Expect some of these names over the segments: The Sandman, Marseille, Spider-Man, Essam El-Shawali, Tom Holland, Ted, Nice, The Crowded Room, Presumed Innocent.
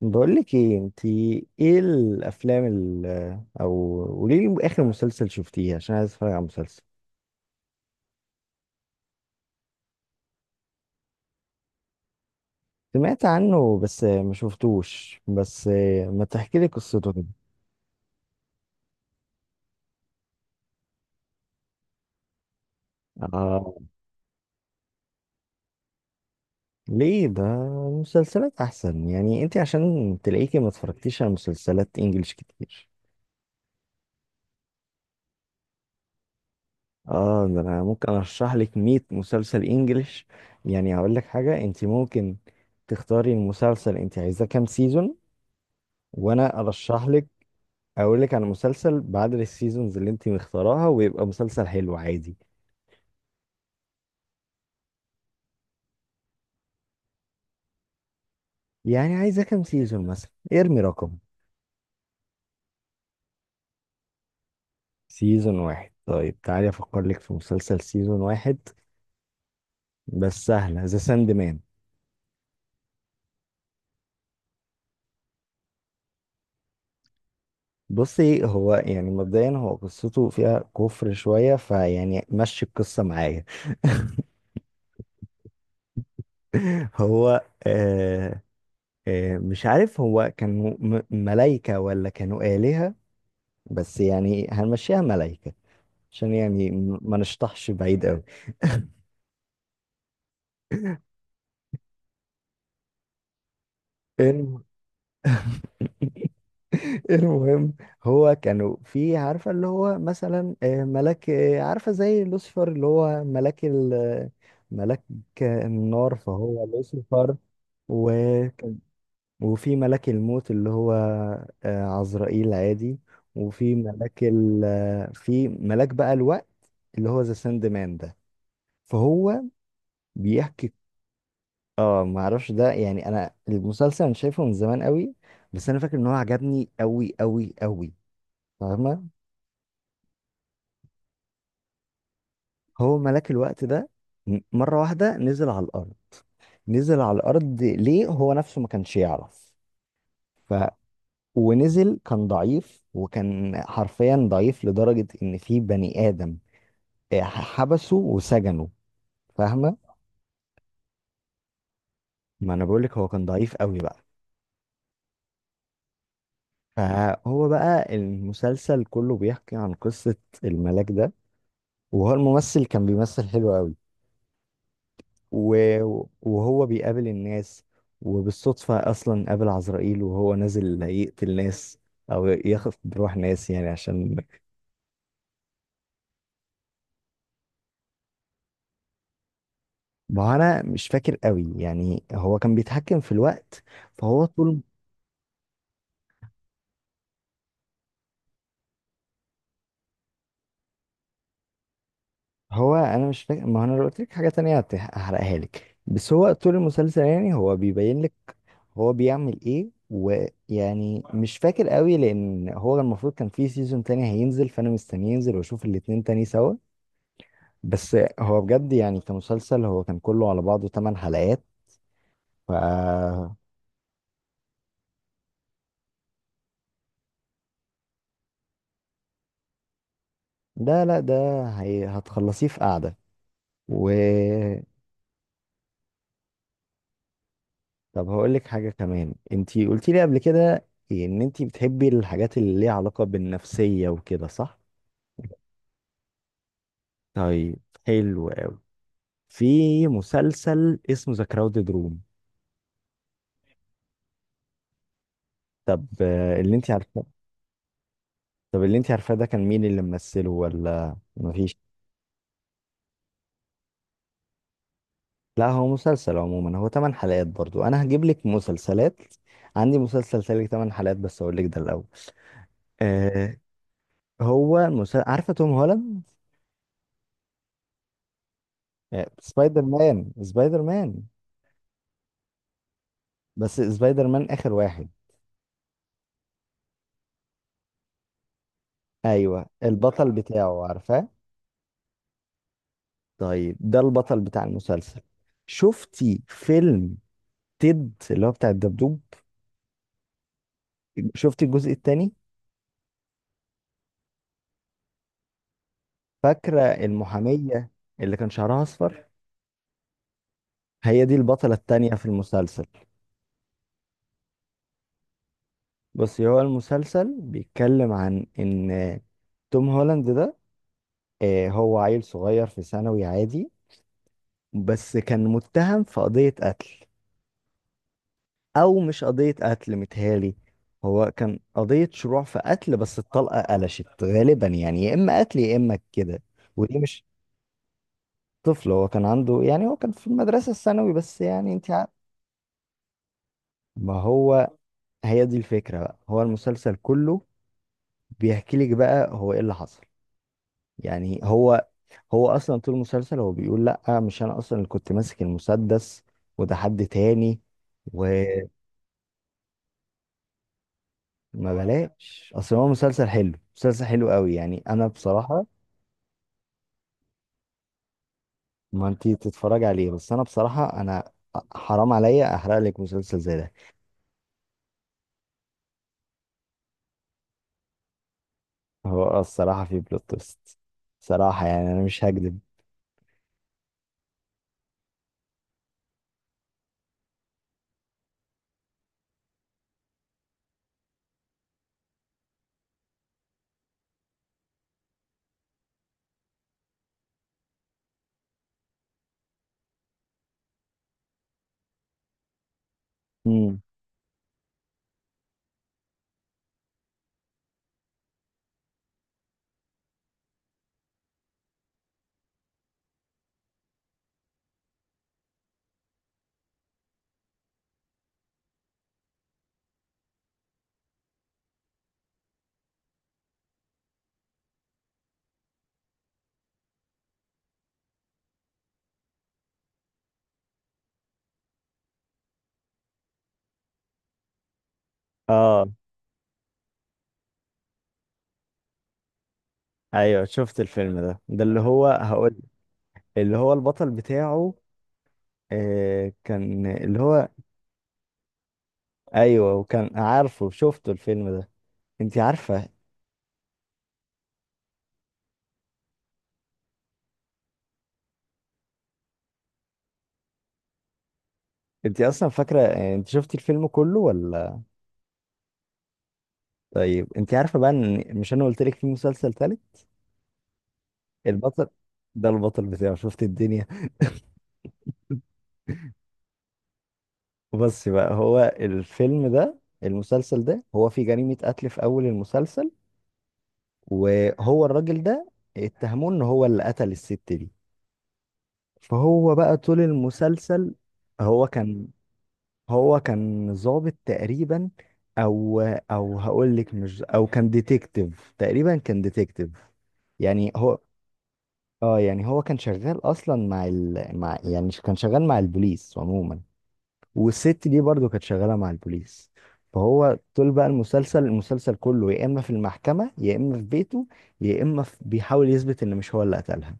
بقولك ايه انتي ايه الافلام ال او قولي لي اخر مسلسل شفتيه عشان عايز اتفرج على مسلسل. سمعت عنه بس ما شفتوش بس ما تحكي لي قصته كده. اه ليه ده مسلسلات احسن يعني انتي عشان تلاقيكي ما اتفرجتيش على مسلسلات انجليش كتير. اه ده انا ممكن ارشح لك 100 مسلسل انجليش يعني هقول لك حاجه. انتي ممكن تختاري المسلسل انتي عايزاه كام سيزون وانا ارشح اقول لك على مسلسل بعد السيزونز اللي انت مختاراها ويبقى مسلسل حلو عادي. يعني عايزه كام سيزون مثلا ارمي رقم. سيزون واحد طيب تعالي افكر لك في مسلسل سيزون واحد بس سهله ذا ساند مان. بصي هو يعني مبدئيا هو قصته فيها كفر شويه فيعني مشي القصه معايا. هو آه آه مش عارف هو كانوا ملايكه ولا كانوا آلهة، بس يعني هنمشيها ملايكه عشان يعني ما نشطحش بعيد قوي. المهم هو كانوا في عارفة اللي هو مثلا ملاك، عارفة زي لوسيفر اللي هو ملاك ال ملاك النار فهو لوسيفر. وكان وفي ملاك الموت اللي هو عزرائيل عادي. وفي ملاك ال في ملاك بقى الوقت اللي هو ذا ساند مان ده فهو بيحكي. اه ما اعرفش ده يعني انا المسلسل انا شايفه من زمان قوي بس انا فاكر ان هو عجبني قوي قوي قوي. فاهمة؟ هو ملاك الوقت ده مرة واحدة نزل على الأرض. نزل على الأرض ليه هو نفسه ما كانش يعرف ف ونزل كان ضعيف وكان حرفيا ضعيف لدرجة إن في بني آدم حبسه وسجنه. فاهمة؟ ما أنا بقولك هو كان ضعيف قوي بقى. فهو بقى المسلسل كله بيحكي عن قصة الملاك ده، وهو الممثل كان بيمثل حلو قوي. و- وهو بيقابل الناس وبالصدفة أصلا قابل عزرائيل وهو نازل يقتل ناس أو ياخد بروح ناس يعني عشان. ما هو أنا مش فاكر قوي يعني هو كان بيتحكم في الوقت فهو طول. هو أنا مش فاكر ما هو أنا لو قلت لك حاجة تانية هحرقها لك بس هو طول المسلسل يعني هو بيبين لك هو بيعمل إيه. ويعني مش فاكر قوي لأن هو المفروض كان في سيزون تاني هينزل فأنا مستني ينزل وأشوف الاتنين تاني سوا. بس هو بجد يعني كمسلسل هو كان كله على بعضه 8 حلقات. ف ده لا ده هي هتخلصيه في قعدة. و طب هقول لك حاجة كمان انتي قلتي لي قبل كده ان انتي بتحبي الحاجات اللي ليها علاقة بالنفسية وكده صح؟ طيب حلو أوي. في مسلسل اسمه ذا كراودد روم. طب اللي انتي عارفاه. طب اللي انتي عارفاه ده كان مين اللي ممثله ولا مفيش؟ لا هو مسلسل عموما هو 8 حلقات برضو. انا هجيب لك مسلسلات. عندي مسلسل سالك 8 حلقات بس اقول لك ده الاول. آه هو المسلسل عارفه توم هولاند؟ آه سبايدر مان بس سبايدر مان اخر واحد. ايوه البطل بتاعه عارفاه. طيب ده البطل بتاع المسلسل. شفتي فيلم تيد اللي هو بتاع الدبدوب؟ شفتي الجزء الثاني؟ فاكره المحاميه اللي كان شعرها اصفر؟ هي دي البطله الثانيه في المسلسل. بص هو المسلسل بيتكلم عن ان توم هولاند ده، هو عيل صغير في ثانوي عادي بس كان متهم في قضية قتل. او مش قضية قتل متهيألي، هو كان قضية شروع في قتل بس الطلقة قلشت غالبا يعني يا اما قتل يا اما كده. ودي مش طفل، هو كان عنده يعني هو كان في المدرسة الثانوي بس يعني انت عارف. ما هو هي دي الفكرة بقى. هو المسلسل كله بيحكي لك بقى هو ايه اللي حصل يعني هو. هو اصلا طول المسلسل هو بيقول لا مش انا اصلا اللي كنت ماسك المسدس وده حد تاني. وما بلاش اصل هو مسلسل حلو، مسلسل حلو قوي يعني انا بصراحة. ما انتي تتفرج عليه بس انا بصراحة انا حرام عليا احرق لك مسلسل زي ده. هو الصراحة في بلوت تويست صراحة يعني انا مش هكذب. امم اه ايوه شفت الفيلم ده، ده اللي هو هقول اللي هو البطل بتاعه. آه كان اللي هو ايوه، وكان عارفه شفته الفيلم ده انت عارفه. انت اصلا فاكره يعني انت شفتي الفيلم كله ولا؟ طيب انت عارفه بقى ان مش انا قلت لك في مسلسل تالت. البطل ده البطل بتاعه شفت الدنيا. بس بقى هو الفيلم ده المسلسل ده هو في جريمه قتل في اول المسلسل. وهو الراجل ده اتهموه ان هو اللي قتل الست دي. فهو بقى طول المسلسل هو كان. هو كان ضابط تقريبا. او او هقول لك مش او، كان ديتكتيف تقريبا كان ديتكتيف يعني هو. اه يعني هو كان شغال اصلا مع ال مع يعني كان شغال مع البوليس عموما. والست دي برضو كانت شغاله مع البوليس. فهو طول بقى المسلسل المسلسل كله يا اما في المحكمه يا اما في بيته يا اما في بيحاول يثبت ان مش هو اللي قتلها.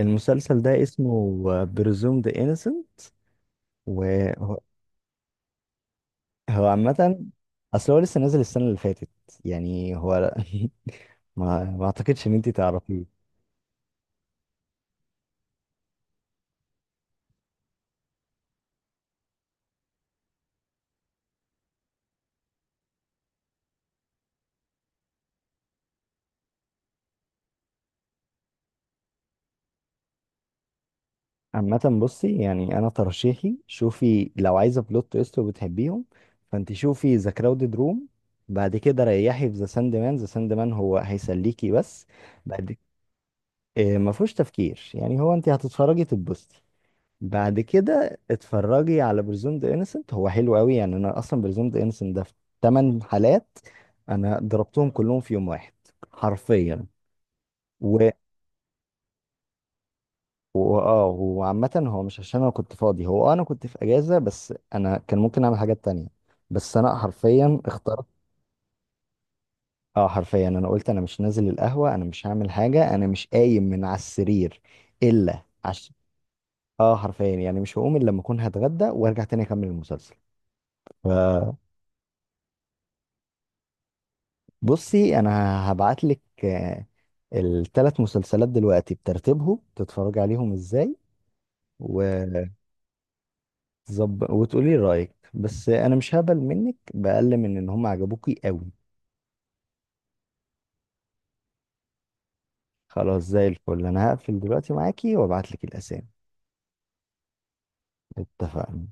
المسلسل ده اسمه بريزومد انيسنت. هو عامة اصل هو لسه نازل السنة اللي فاتت يعني هو. ما اعتقدش ان انت تعرفيه. عامة بصي يعني انا ترشيحي شوفي لو عايزة بلوت تويست وبتحبيهم فانت شوفي ذا كراودد روم. بعد كده ريحي في ذا ساند مان. ذا ساند مان هو هيسليكي بس. بعد ما فيهوش تفكير يعني هو انت هتتفرجي تتبسطي. بعد كده اتفرجي على برزون ذا انسنت هو حلو قوي يعني انا اصلا برزون ذا انسنت ده في 8 حالات انا ضربتهم كلهم في يوم واحد حرفيا. و واه وعامة هو مش عشان انا كنت فاضي، هو آه انا كنت في اجازة بس انا كان ممكن اعمل حاجات تانية بس انا حرفيا اخترت. اه حرفيا انا قلت انا مش نازل القهوة انا مش هعمل حاجة انا مش قايم من على السرير الا عشان. اه حرفيا يعني مش هقوم الا لما اكون هتغدى وارجع تاني اكمل المسلسل. بصي انا هبعت لك الثلاث مسلسلات دلوقتي بترتيبهم تتفرج عليهم ازاي وتظبط وتقولي رايك. بس انا مش هقبل منك باقل من ان هم عجبوكي قوي. خلاص زي الفل انا هقفل دلوقتي معاكي وابعت لك الاسامي. اتفقنا.